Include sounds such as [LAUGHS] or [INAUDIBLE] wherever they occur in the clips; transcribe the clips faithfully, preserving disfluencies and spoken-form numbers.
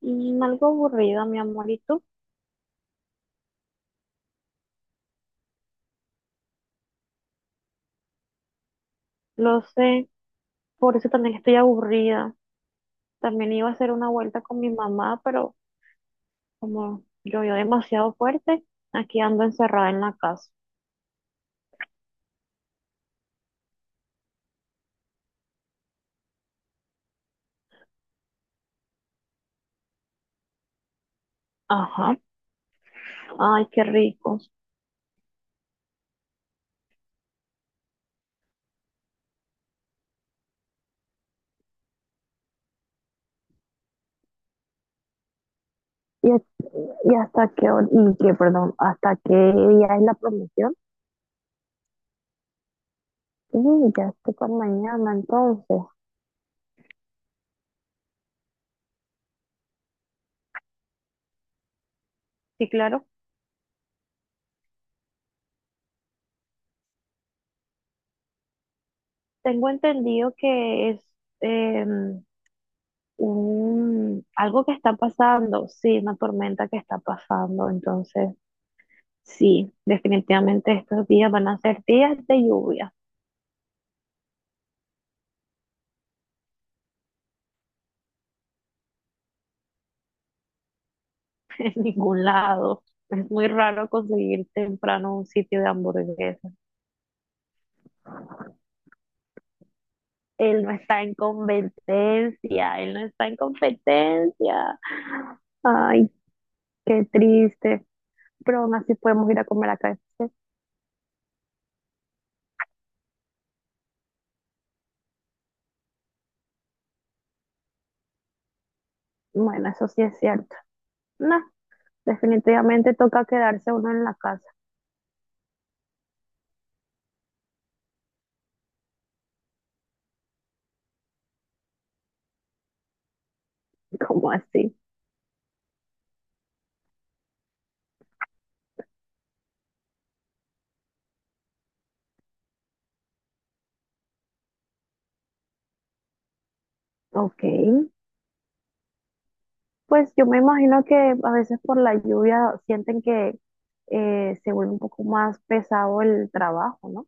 Mm, algo aburrida, mi amorito. Lo sé, por eso también estoy aburrida. También iba a hacer una vuelta con mi mamá, pero como llovió demasiado fuerte, aquí ando encerrada en la casa. Ajá. Ay, qué rico. ¿Y, hasta y hasta qué hora, y qué, perdón, hasta qué día es la promoción? Uy, ya estoy con mañana, entonces. Sí, claro. Tengo entendido que es em, un, algo que está pasando, sí, una tormenta que está pasando. Entonces, sí, definitivamente estos días van a ser días de lluvia. [LAUGHS] En ningún lado. Es muy raro conseguir temprano un sitio de hamburguesas. Él no está en competencia, él no está en competencia. Ay, qué triste. Pero aún así podemos ir a comer a K F C. Bueno, eso sí es cierto. No, definitivamente toca quedarse uno en la casa. [LAUGHS] ¿Cómo así? Ok. Pues yo me imagino que a veces por la lluvia sienten que eh, se vuelve un poco más pesado el trabajo, ¿no?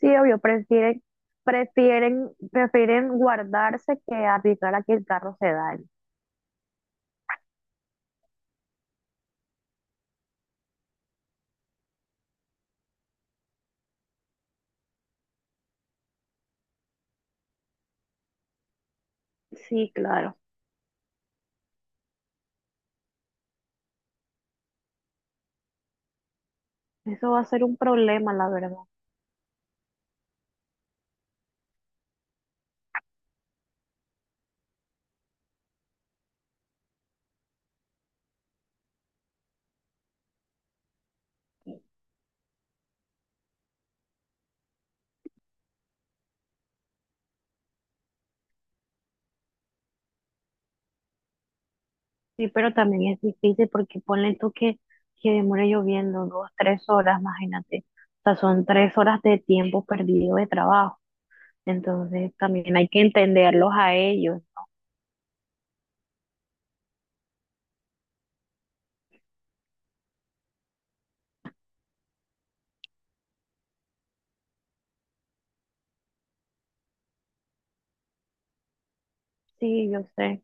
Sí, obvio, prefieren, prefieren, prefieren guardarse que arriesgar a que el carro se dañe. Sí, claro, eso va a ser un problema, la verdad. Sí, pero también es difícil porque ponle tú que, que demore lloviendo dos, tres horas, imagínate. O sea, son tres horas de tiempo perdido de trabajo. Entonces también hay que entenderlos a ellos. Sí, yo sé.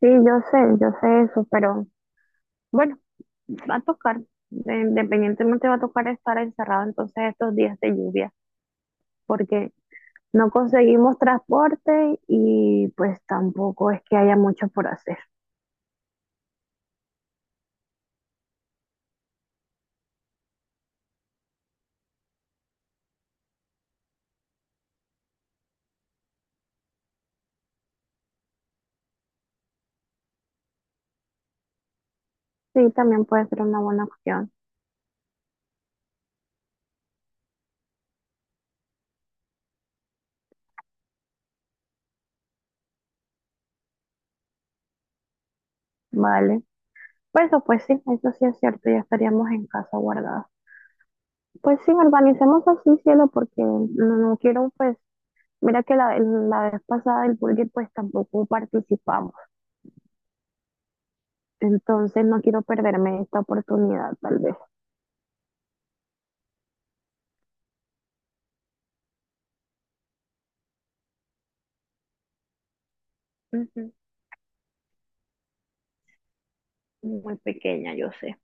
Sí, yo sé, yo sé eso, pero bueno, va a tocar, de- independientemente va a tocar estar encerrado entonces estos días de lluvia, porque no conseguimos transporte y pues tampoco es que haya mucho por hacer. Sí, también puede ser una buena opción, ¿vale? Pues eso, pues sí, eso sí es cierto, ya estaríamos en casa guardados. Pues sí, organicemos así, cielo, porque no, no quiero, pues, mira que la, la vez pasada el Burger pues tampoco participamos. Entonces no quiero perderme esta oportunidad, tal vez. Ujú. Muy pequeña, yo sé.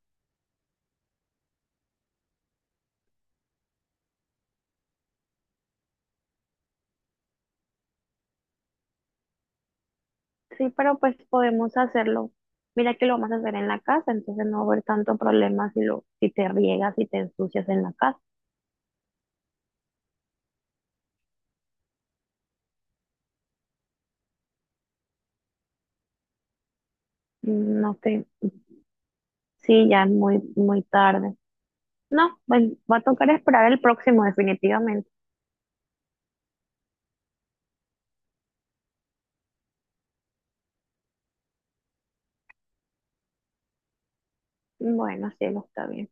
Sí, pero pues podemos hacerlo. Mira que lo vamos a hacer en la casa, entonces no va a haber tanto problema si lo, si te riegas y te ensucias en la casa. No te, sí, ya es muy, muy tarde. No, bueno, va a tocar esperar el próximo, definitivamente. Bueno, sí, lo está bien.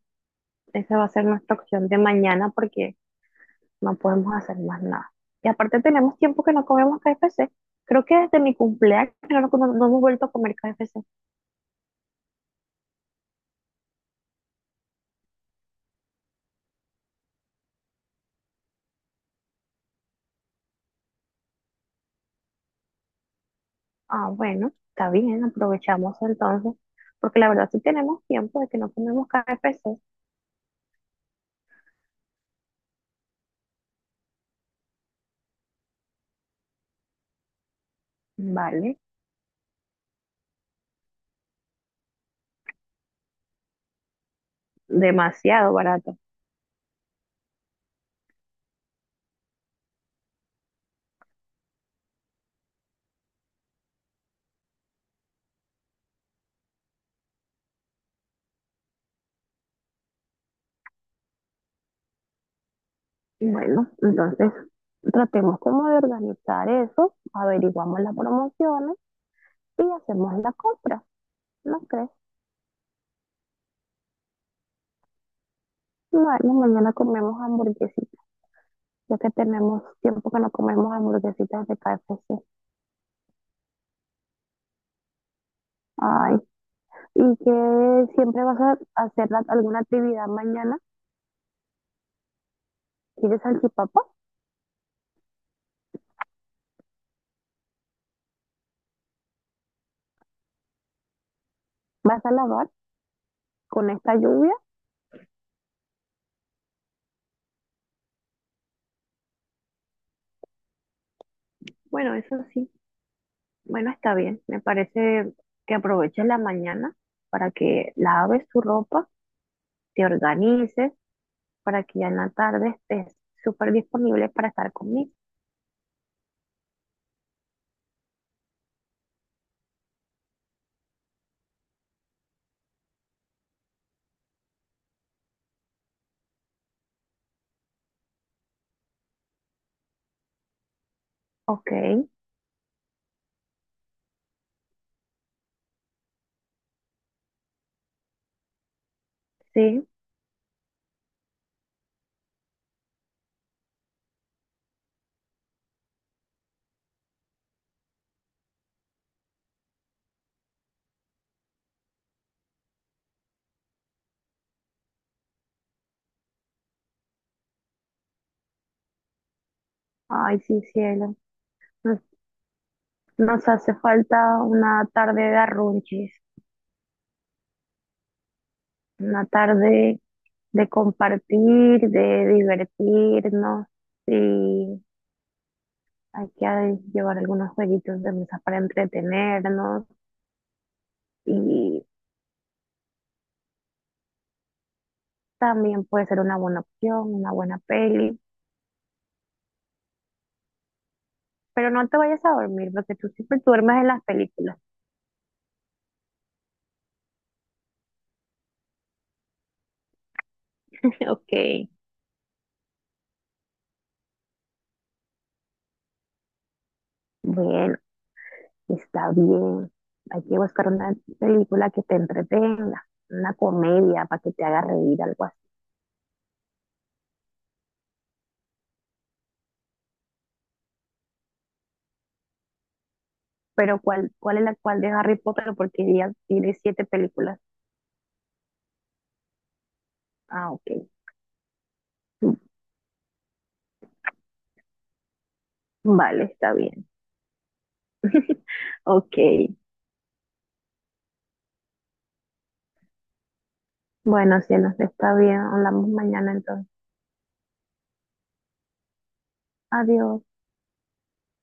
Esa va a ser nuestra opción de mañana porque no podemos hacer más nada. Y aparte tenemos tiempo que no comemos K F C. Creo que desde mi cumpleaños no, no- no hemos vuelto a comer K F C. Ah, bueno, está bien, aprovechamos entonces, porque la verdad sí tenemos tiempo de que no comemos K F C. Vale, demasiado barato. Bueno, entonces tratemos como de organizar eso, averiguamos las promociones y hacemos la compra, ¿no crees? Bueno, mañana comemos hamburguesitas, ya que tenemos tiempo que no comemos hamburguesitas de K F C. Ay, ¿y que siempre vas a hacer la- alguna actividad mañana? ¿Quieres salchipapa? ¿Vas a lavar con esta lluvia? Bueno, eso sí. Bueno, está bien. Me parece que aproveches la mañana para que laves tu ropa, te organices, para que ya en la tarde estés súper disponible para estar conmigo. Ok, sí. Ay, sí, cielo. Nos, nos hace falta una tarde de arrunches, una tarde de compartir, de divertirnos y hay que llevar algunos jueguitos de mesa para entretenernos y también puede ser una buena opción, una buena peli, pero no te vayas a dormir porque tú siempre duermes en las películas. [LAUGHS] Ok, bueno, está bien. Hay que buscar una película que te entretenga, una comedia para que te haga reír, algo así. Pero ¿cuál, cuál es la cual de Harry Potter? Porque ya tiene siete películas. Ah, ok. Vale, está bien. Ok. Bueno, cielos, está bien. Hablamos mañana entonces. Adiós.